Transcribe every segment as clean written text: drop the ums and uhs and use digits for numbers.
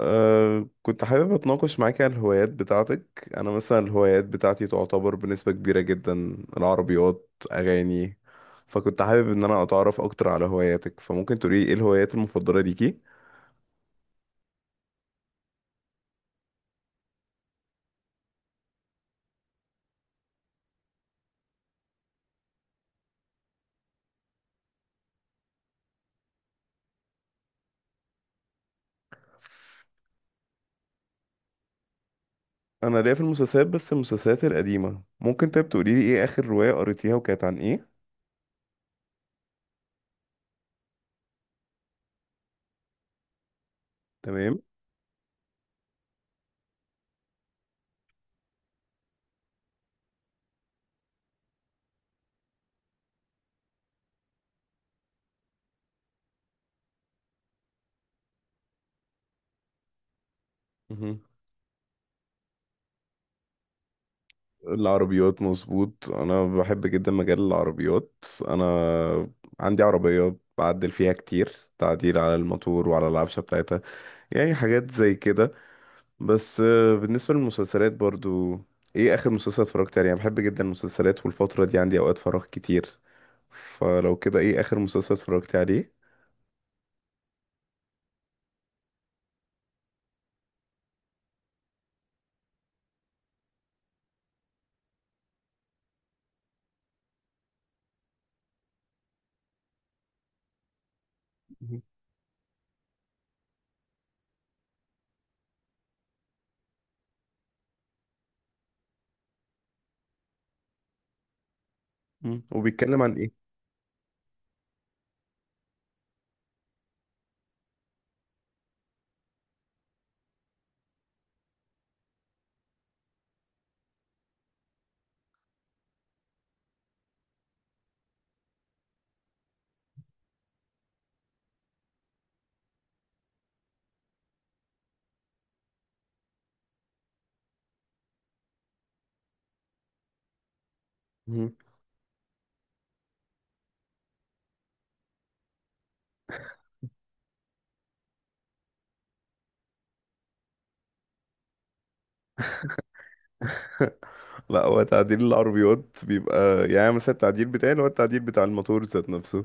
كنت حابب اتناقش معاك على الهوايات بتاعتك. انا مثلا الهوايات بتاعتي تعتبر بنسبة كبيرة جدا العربيات اغاني. فكنت حابب ان انا اتعرف اكتر على هواياتك، فممكن تقولي ايه الهوايات المفضلة ليكي؟ انا ليا في المسلسلات، بس المسلسلات القديمة. ممكن طيب تقولي لي ايه اخر رواية قريتيها وكانت عن ايه؟ تمام. مهم. العربيات مظبوط، انا بحب جدا مجال العربيات، انا عندي عربية بعدل فيها كتير، تعديل على الموتور وعلى العفشة بتاعتها، يعني حاجات زي كده. بس بالنسبة للمسلسلات برضو، ايه اخر مسلسل اتفرجت عليه؟ انا بحب جدا المسلسلات والفترة دي عندي اوقات فراغ كتير، فلو كده ايه اخر مسلسل اتفرجت عليه؟ مهم. مم. وبيتكلم عن ايه؟ مهم. لا، هو تعديل العربيات بيبقى يعني مثلا التعديل بتاعي اللي هو التعديل بتاع الموتور ذات نفسه،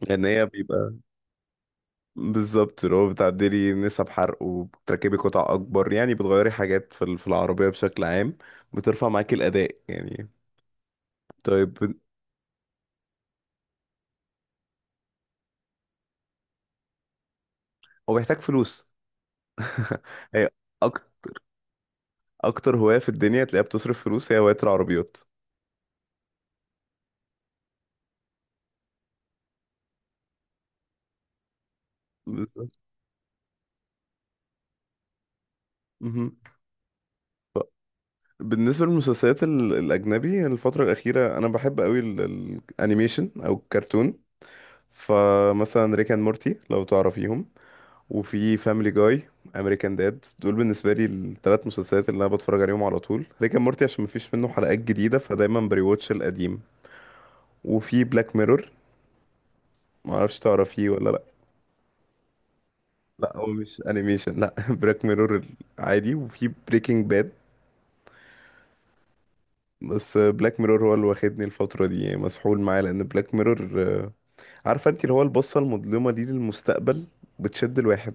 لان هي بيبقى بالظبط اللي هو بتعدلي نسب حرق وبتركبي قطع اكبر، يعني بتغيري حاجات في العربيه بشكل عام، بترفع معاكي الاداء يعني. طيب، هو بيحتاج فلوس. هي أك... اكتر هواية في الدنيا تلاقيها بتصرف فلوس هي هواية العربيات. بالظبط. مهم. ف- بالنسبة للمسلسلات الأجنبي، الفترة الأخيرة أنا بحب أوي الأنيميشن أو الكرتون. فمثلا ريك أند مورتي لو تعرفيهم، وفي فاميلي جاي، أمريكان داد، دول بالنسبة لي الثلاث مسلسلات اللي أنا بتفرج عليهم على طول. ريك أند مورتي عشان مفيش منه حلقات جديدة فدايما بريواتش القديم. وفي بلاك ميرور، معرفش تعرفيه ولا؟ لا، هو مش انيميشن لا. بلاك ميرور عادي. وفي بريكنج باد. بس بلاك ميرور هو اللي واخدني الفترة دي، يعني مسحول معاه، لأن بلاك ميرور عارفة انت اللي هو البصة المظلمة دي للمستقبل، بتشد الواحد.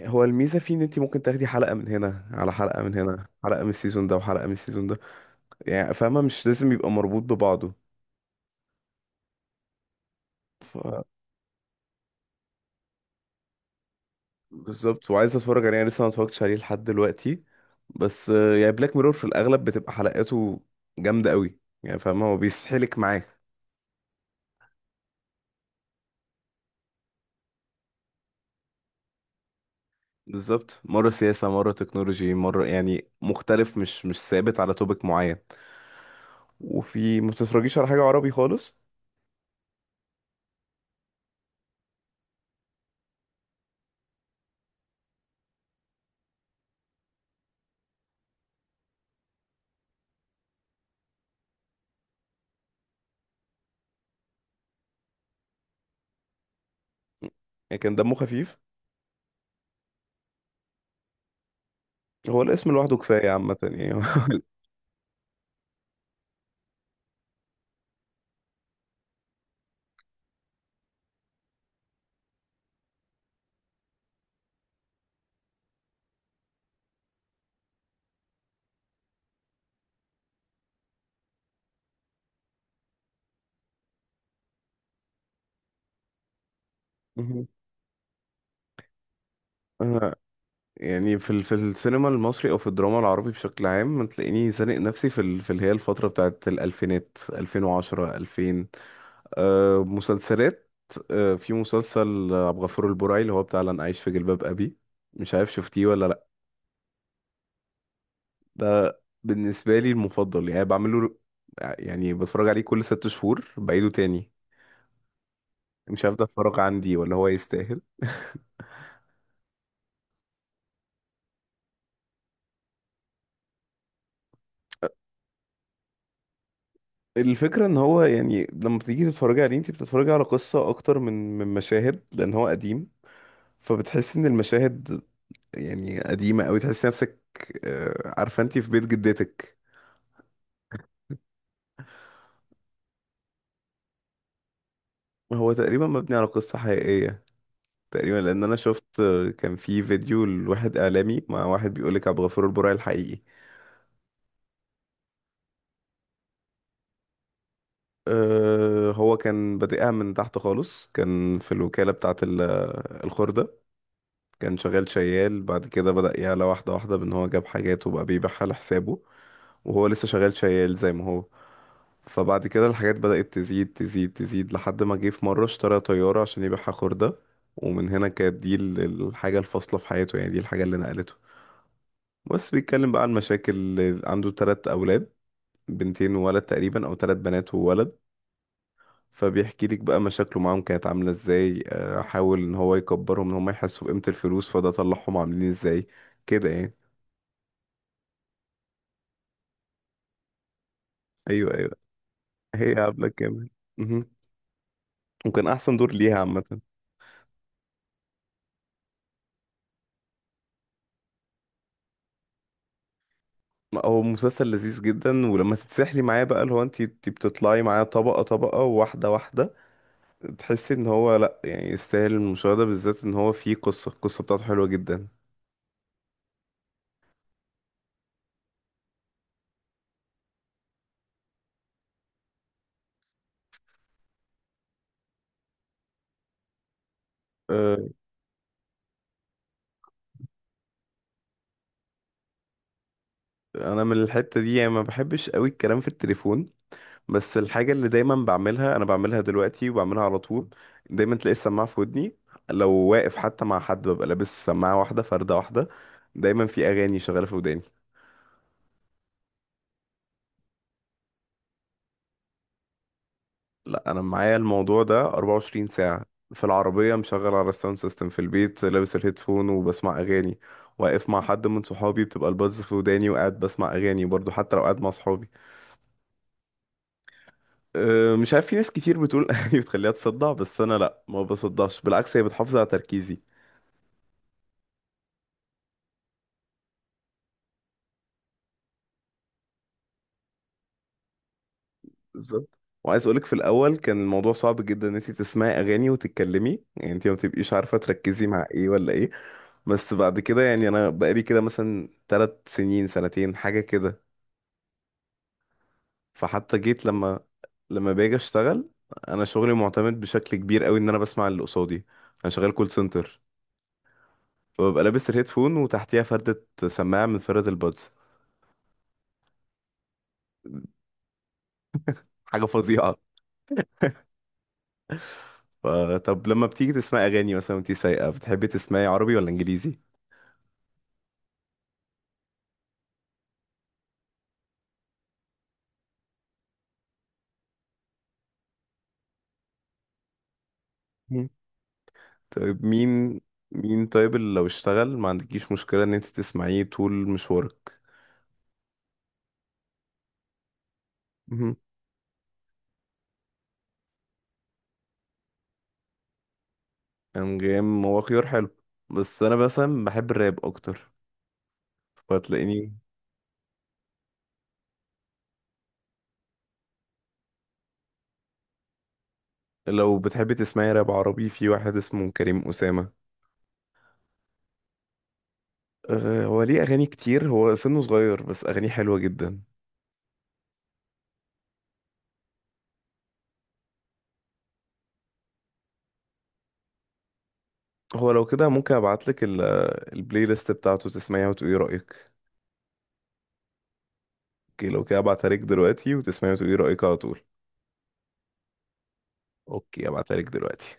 هو الميزة فيه ان انت ممكن تاخدي حلقة من هنا على حلقة من هنا، حلقة من السيزون ده وحلقة من السيزون ده، يعني فاهمة، مش لازم يبقى مربوط ببعضه. ف... بالظبط، وعايز اتفرج عليه يعني لسه ما اتفرجتش عليه لحد دلوقتي. بس يعني بلاك ميرور في الأغلب بتبقى حلقاته جامدة قوي، يعني فاهمة هو بيسحلك معاه. بالظبط، مرة سياسة مرة تكنولوجي مرة، يعني مختلف، مش ثابت على توبيك معين. وفي ما بتتفرجيش على حاجة عربي خالص؟ يعني كان دمه خفيف. هو الاسم لوحده كفاية عامة يعني. مهم. أنا يعني في السينما المصري او في الدراما العربي بشكل عام، تلاقيني زانق نفسي في اللي هي الفترة بتاعت الالفينات، 2010، 2000. أه مسلسلات، أه في مسلسل عبد الغفور البرعي اللي هو بتاع لن اعيش في جلباب ابي. مش عارف شفتيه ولا؟ ده بالنسبة لي المفضل يعني بعمله، يعني بتفرج عليه كل 6 شهور بعيده تاني. مش هفضل اتفرج، عندي ولا هو يستاهل. الفكرة ان هو يعني لما بتيجي تتفرجي عليه انت بتتفرجي على قصة اكتر من مشاهد، لان هو قديم، فبتحس ان المشاهد يعني قديمة اوي، تحس نفسك عارفة انت في بيت جدتك. هو تقريبا مبني على قصة حقيقية تقريبا، لان انا شفت، كان في فيديو لواحد اعلامي مع واحد بيقولك عبد الغفور البرعي الحقيقي. أه هو كان بادئها من تحت خالص، كان في الوكالة بتاعة الخردة، كان شغال شيال. بعد كده بدأ يعلى واحدة واحدة، بأن هو جاب حاجات وبقى بيبيعها لحسابه وهو لسه شغال شيال زي ما هو. فبعد كده الحاجات بدأت تزيد تزيد تزيد لحد ما جه في مرة اشترى طيارة عشان يبيعها خردة، ومن هنا كانت دي الحاجة الفاصلة في حياته، يعني دي الحاجة اللي نقلته. بس بيتكلم بقى عن مشاكل، عنده 3 أولاد، بنتين وولد، تقريبا أو 3 بنات وولد. فبيحكي لك بقى مشاكله معاهم كانت عاملة ازاي، حاول ان هو يكبرهم ان هم يحسوا بقيمة الفلوس، فده طلعهم عاملين ازاي كده يعني. ايوه ايوه، هي عبلة كامل. مهم. وكان احسن دور ليها عامة. هو مسلسل لذيذ جدا، ولما تتسحلي معاه بقى اللي هو انت بتطلعي معاه طبقة طبقة، واحدة واحدة، تحسي ان هو لا يعني يستاهل المشاهدة، بالذات ان هو فيه قصة، القصة بتاعته حلوة جدا. آه، انا من الحتة دي يعني ما بحبش قوي الكلام في التليفون، بس الحاجة اللي دايما بعملها أنا بعملها دلوقتي وبعملها على طول، دايما تلاقي السماعة في ودني، لو واقف حتى مع حد ببقى لابس سماعة واحدة، فردة واحدة، دايما في أغاني شغالة في وداني. لا، أنا معايا الموضوع ده 24 ساعة، في العربية مشغل على الساوند سيستم، في البيت لابس الهيدفون وبسمع أغاني، واقف مع حد من صحابي بتبقى البادز في وداني وقاعد بسمع أغاني برضو، حتى لو قاعد مع صحابي. مش عارف، في ناس كتير بتقول أغاني بتخليها تصدع، بس أنا لا ما بصدعش، بالعكس هي بتحافظ على تركيزي. بالظبط، وعايز اقولك في الاول كان الموضوع صعب جدا ان انت تسمعي اغاني وتتكلمي، يعني انت ما بتبقيش عارفه تركزي مع ايه ولا ايه. بس بعد كده يعني انا بقالي كده مثلا 3 سنين سنتين حاجه كده. فحتى جيت لما باجي اشتغل، انا شغلي معتمد بشكل كبير قوي ان انا بسمع اللي قصادي، انا شغال كول سنتر، فببقى لابس الهيدفون وتحتيها فردة سماعه من فردة البادز. حاجه فظيعه. فطب لما بتيجي تسمعي اغاني مثلا وانت سايقه بتحبي تسمعي عربي ولا انجليزي؟ طيب مين؟ مين طيب اللي لو اشتغل ما عندكيش مشكلة ان انت تسمعيه طول مشوارك؟ مهم. انغام هو خيار حلو، بس انا مثلا بحب الراب اكتر، فتلاقيني. لو بتحبي تسمعي راب عربي، في واحد اسمه كريم أسامة. أه هو ليه اغاني كتير، هو سنه صغير بس اغانيه حلوة جدا. هو لو كده ممكن ابعتلك البلاي ليست بتاعته تسمعيها وتقولي رأيك. اوكي، لو كده ابعتها لك دلوقتي وتسمعيها وتقولي رأيك على طول. اوكي، ابعتها لك دلوقتي.